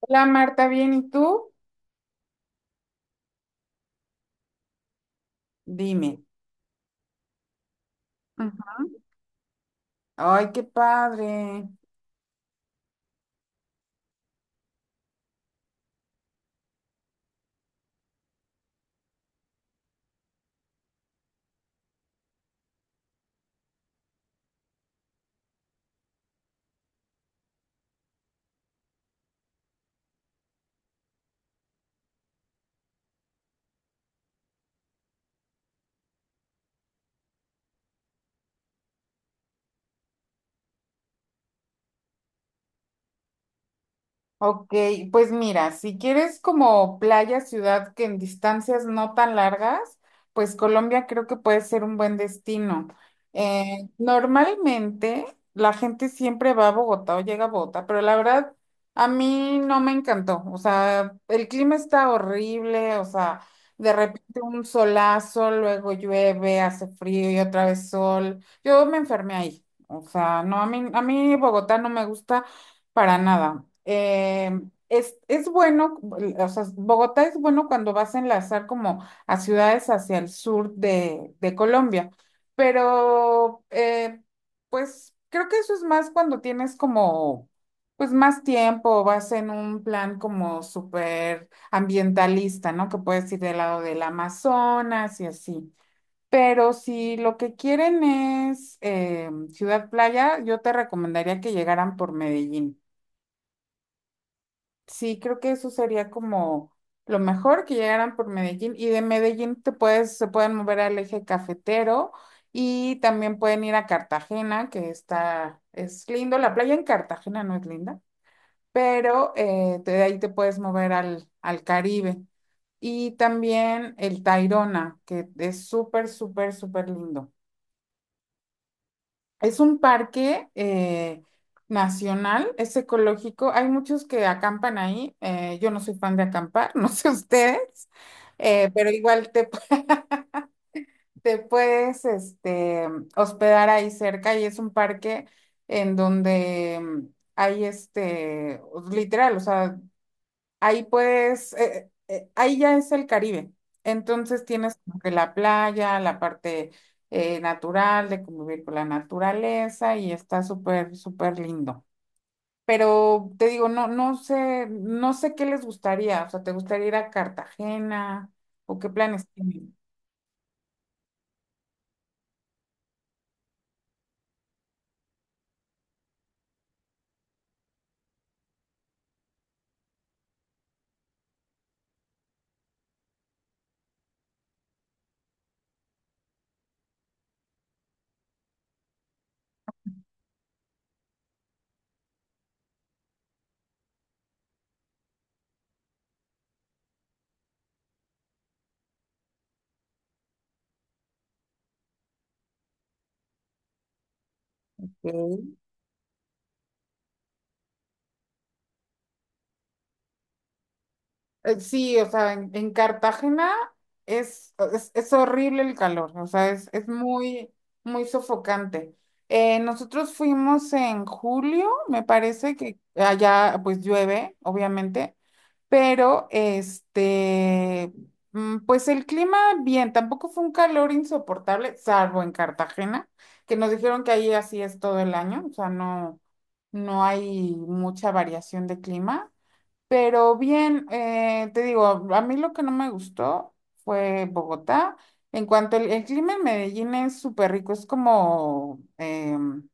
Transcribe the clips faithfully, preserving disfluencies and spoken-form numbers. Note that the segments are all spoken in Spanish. Hola Marta, bien, ¿y tú? Dime. Ujú. Ay, qué padre. Ok, pues mira, si quieres como playa, ciudad que en distancias no tan largas, pues Colombia creo que puede ser un buen destino. Eh, normalmente la gente siempre va a Bogotá o llega a Bogotá, pero la verdad a mí no me encantó. O sea, el clima está horrible, o sea, de repente un solazo, luego llueve, hace frío y otra vez sol. Yo me enfermé ahí. O sea, no, a mí, a mí Bogotá no me gusta. Para nada. Eh, es, es bueno, o sea, Bogotá es bueno cuando vas a enlazar como a ciudades hacia el sur de, de Colombia, pero eh, pues creo que eso es más cuando tienes como, pues más tiempo, vas en un plan como súper ambientalista, ¿no? Que puedes ir del lado del Amazonas y así. Pero si lo que quieren es eh, ciudad playa, yo te recomendaría que llegaran por Medellín. Sí, creo que eso sería como lo mejor que llegaran por Medellín, y de Medellín te puedes, se pueden mover al eje cafetero y también pueden ir a Cartagena, que está, es lindo, la playa en Cartagena no es linda, pero eh, de ahí te puedes mover al, al Caribe y también el Tayrona, que es súper, súper, súper lindo. Es un parque eh, nacional, es ecológico. Hay muchos que acampan ahí. Eh, yo no soy fan de acampar, no sé ustedes, eh, pero igual te, pu- te puedes este, hospedar ahí cerca y es un parque en donde mm, hay este, literal, o sea, ahí puedes, eh, eh, ahí ya es el Caribe. Entonces tienes como que la playa, la parte eh, natural, de convivir con la naturaleza, y está súper, súper lindo. Pero te digo, no, no sé, no sé qué les gustaría. O sea, ¿te gustaría ir a Cartagena o qué planes tienen? Ok. Eh, Sí, o sea, en, en Cartagena es, es, es horrible el calor, o sea, es, es muy, muy sofocante. Eh, nosotros fuimos en julio, me parece que allá pues llueve, obviamente, pero este, mm, pues el clima bien, tampoco fue un calor insoportable, salvo en Cartagena, que nos dijeron que ahí así es todo el año, o sea, no, no hay mucha variación de clima. Pero bien, eh, te digo, a mí lo que no me gustó fue Bogotá. En cuanto al el clima en Medellín es súper rico, es como em,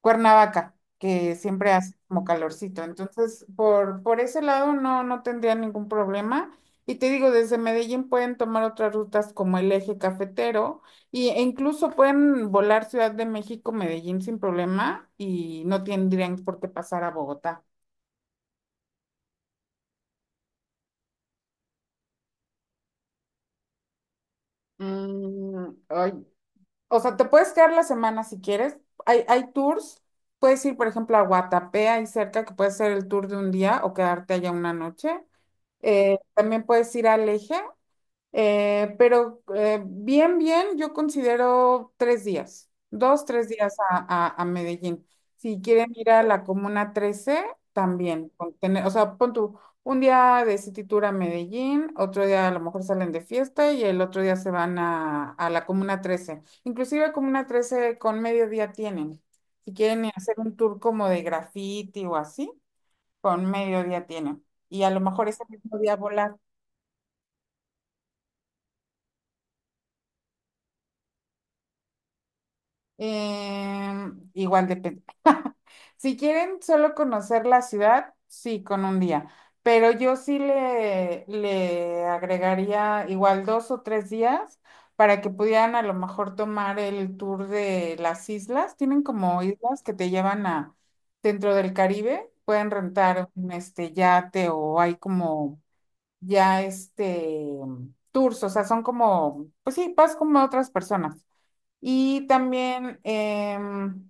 Cuernavaca, que siempre hace como calorcito. Entonces, por, por ese lado no, no tendría ningún problema. Y te digo, desde Medellín pueden tomar otras rutas como el eje cafetero y, e incluso pueden volar Ciudad de México, Medellín sin problema, y no tendrían por qué pasar a Bogotá. Mm, ay, o sea, te puedes quedar la semana si quieres. Hay, hay tours. Puedes ir, por ejemplo, a Guatapé, ahí cerca, que puede ser el tour de un día o quedarte allá una noche. Eh, también puedes ir al Eje, eh, pero eh, bien, bien, yo considero tres días, dos, tres días a, a- a Medellín. Si quieren ir a la Comuna trece también, con tener- o sea, pon tú un día de City Tour a Medellín, otro día a lo mejor salen de fiesta y el otro día se van a, a la Comuna trece. Inclusive Comuna trece con mediodía tienen. Si quieren ir a hacer un tour como de graffiti o así, con mediodía tienen. Y a lo mejor ese mismo día volar. Eh, igual depende. Si quieren solo conocer la ciudad, sí, con un día. Pero yo sí le, le agregaría igual dos o tres días para que pudieran a lo mejor tomar el tour de las islas. Tienen como islas que te llevan a dentro del Caribe. Pueden rentar un este yate, o hay como ya este tours, o sea, son como, pues sí, vas como a otras personas. Y también, em,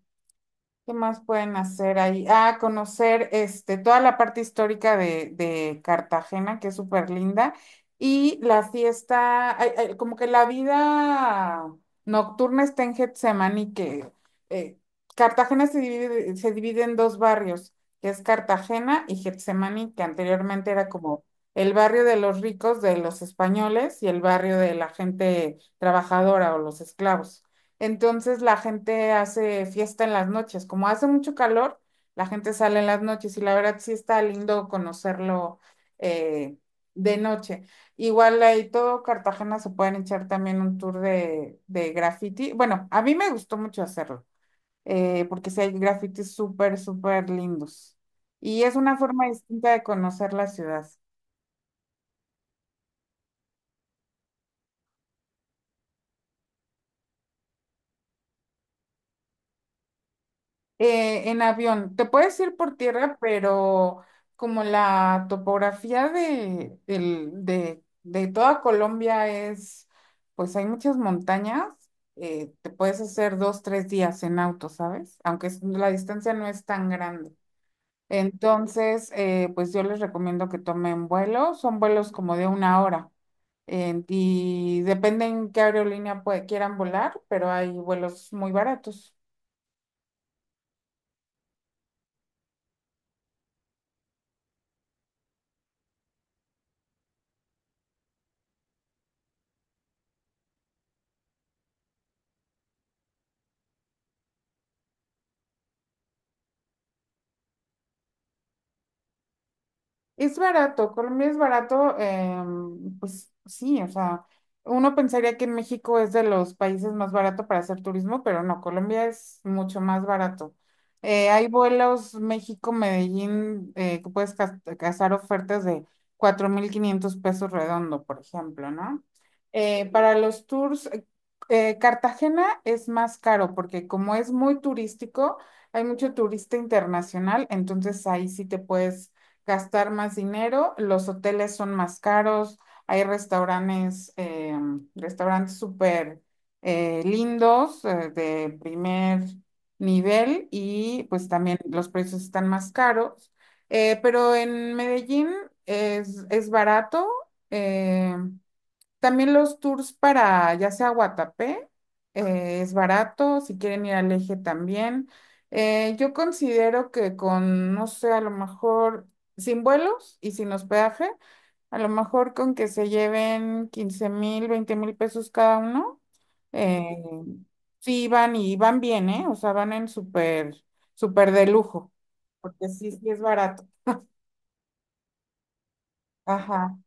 ¿qué más pueden hacer ahí? Ah, conocer este, toda la parte histórica de, de Cartagena, que es súper linda. Y la fiesta, ay, ay, como que la vida nocturna está en Getsemani, que eh, Cartagena se divide, se divide en dos barrios, que es Cartagena y Getsemani, que anteriormente era como el barrio de los ricos, de los españoles, y el barrio de la gente trabajadora o los esclavos. Entonces la gente hace fiesta en las noches. Como hace mucho calor, la gente sale en las noches y la verdad sí está lindo conocerlo eh, de noche. Igual ahí todo Cartagena se pueden echar también un tour de, de graffiti. Bueno, a mí me gustó mucho hacerlo, eh, porque sí hay grafitis súper, súper lindos. Y es una forma distinta de conocer la ciudad. Eh, en avión. Te puedes ir por tierra, pero como la topografía de, del- de, de toda Colombia es, pues hay muchas montañas, eh, te puedes hacer dos, tres días en auto, ¿sabes? Aunque es- la distancia no es tan grande. Entonces, eh, pues yo les recomiendo que tomen vuelo. Son vuelos como de una hora. En- y depende en qué aerolínea pue- quieran volar, pero hay vuelos muy baratos. Es barato, Colombia es barato, em, pues sí, o sea, uno pensaría que en México es de los países más barato para hacer turismo, pero no, Colombia es mucho más barato. Eh, hay vuelos México-Medellín eh, que puedes cas- cazar ofertas de cuatro mil quinientos pesos redondo, por ejemplo, ¿no? Eh, para los tours, eh, eh, Cartagena es más caro porque como es muy turístico, hay mucho turista internacional, entonces ahí sí te puedes gastar más dinero, los hoteles son más caros, hay restaurantes, eh, restaurantes súper eh, lindos, eh, de primer nivel, y pues también los precios están más caros. Eh, pero en Medellín es, es barato. eh, También los tours para ya sea Guatapé, eh, es barato, si quieren ir al Eje también. Eh, yo considero que con, no sé, a lo mejor sin vuelos y sin hospedaje, a lo mejor con que se lleven quince mil, veinte mil pesos cada uno, eh, sí van y van bien, ¿eh? O sea, van en súper, súper de lujo, porque sí, sí es barato. Ajá.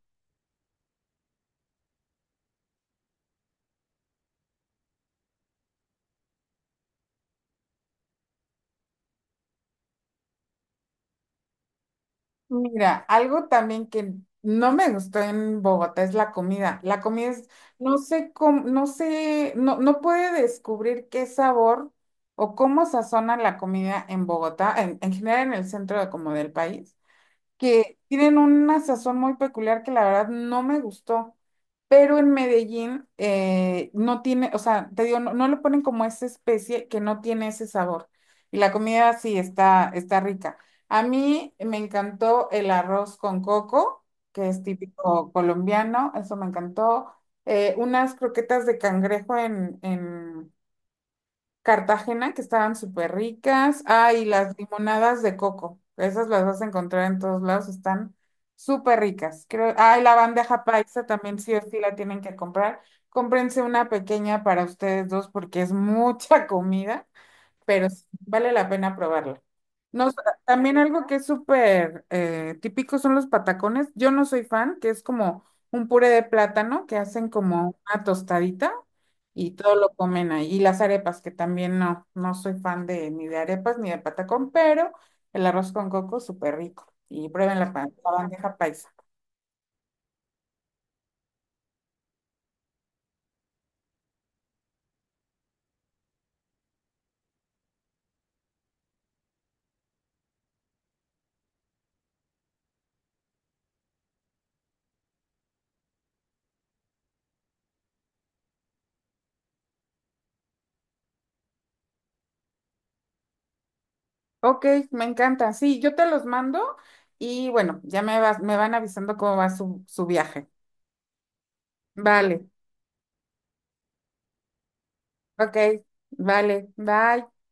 Mira, algo también que no me gustó en Bogotá es la comida. La comida es, no sé cómo, no sé, no, no puede descubrir qué sabor o cómo sazonan la comida en Bogotá, en, en general en el centro de- como del país, que tienen una sazón muy peculiar que la verdad no me gustó, pero en Medellín eh, no tiene, o sea, te digo, no, no le ponen como esa especie que no tiene ese sabor. Y la comida sí está, está rica. A mí me encantó el arroz con coco, que es típico colombiano, eso me encantó. Eh, unas croquetas de cangrejo en, en Cartagena, que estaban súper ricas. Ah, y las limonadas de coco. Esas las vas a encontrar en todos lados, están súper ricas. Creo, ah, y la bandeja paisa también sí o sí la tienen que comprar. Cómprense una pequeña para ustedes dos porque es mucha comida, pero sí, vale la pena probarla. No, s- también algo que es súper eh, típico son los patacones. Yo no soy fan, que es como un puré de plátano que hacen como una tostadita y todo lo comen ahí. Y las arepas, que también no, no soy fan de ni de arepas ni de patacón, pero el arroz con coco súper rico. Y prueben la, pa- la bandeja paisa. Ok, me encanta. Sí, yo te los mando y bueno, ya me vas, me van avisando cómo va su, su viaje. Vale. Ok, vale, bye.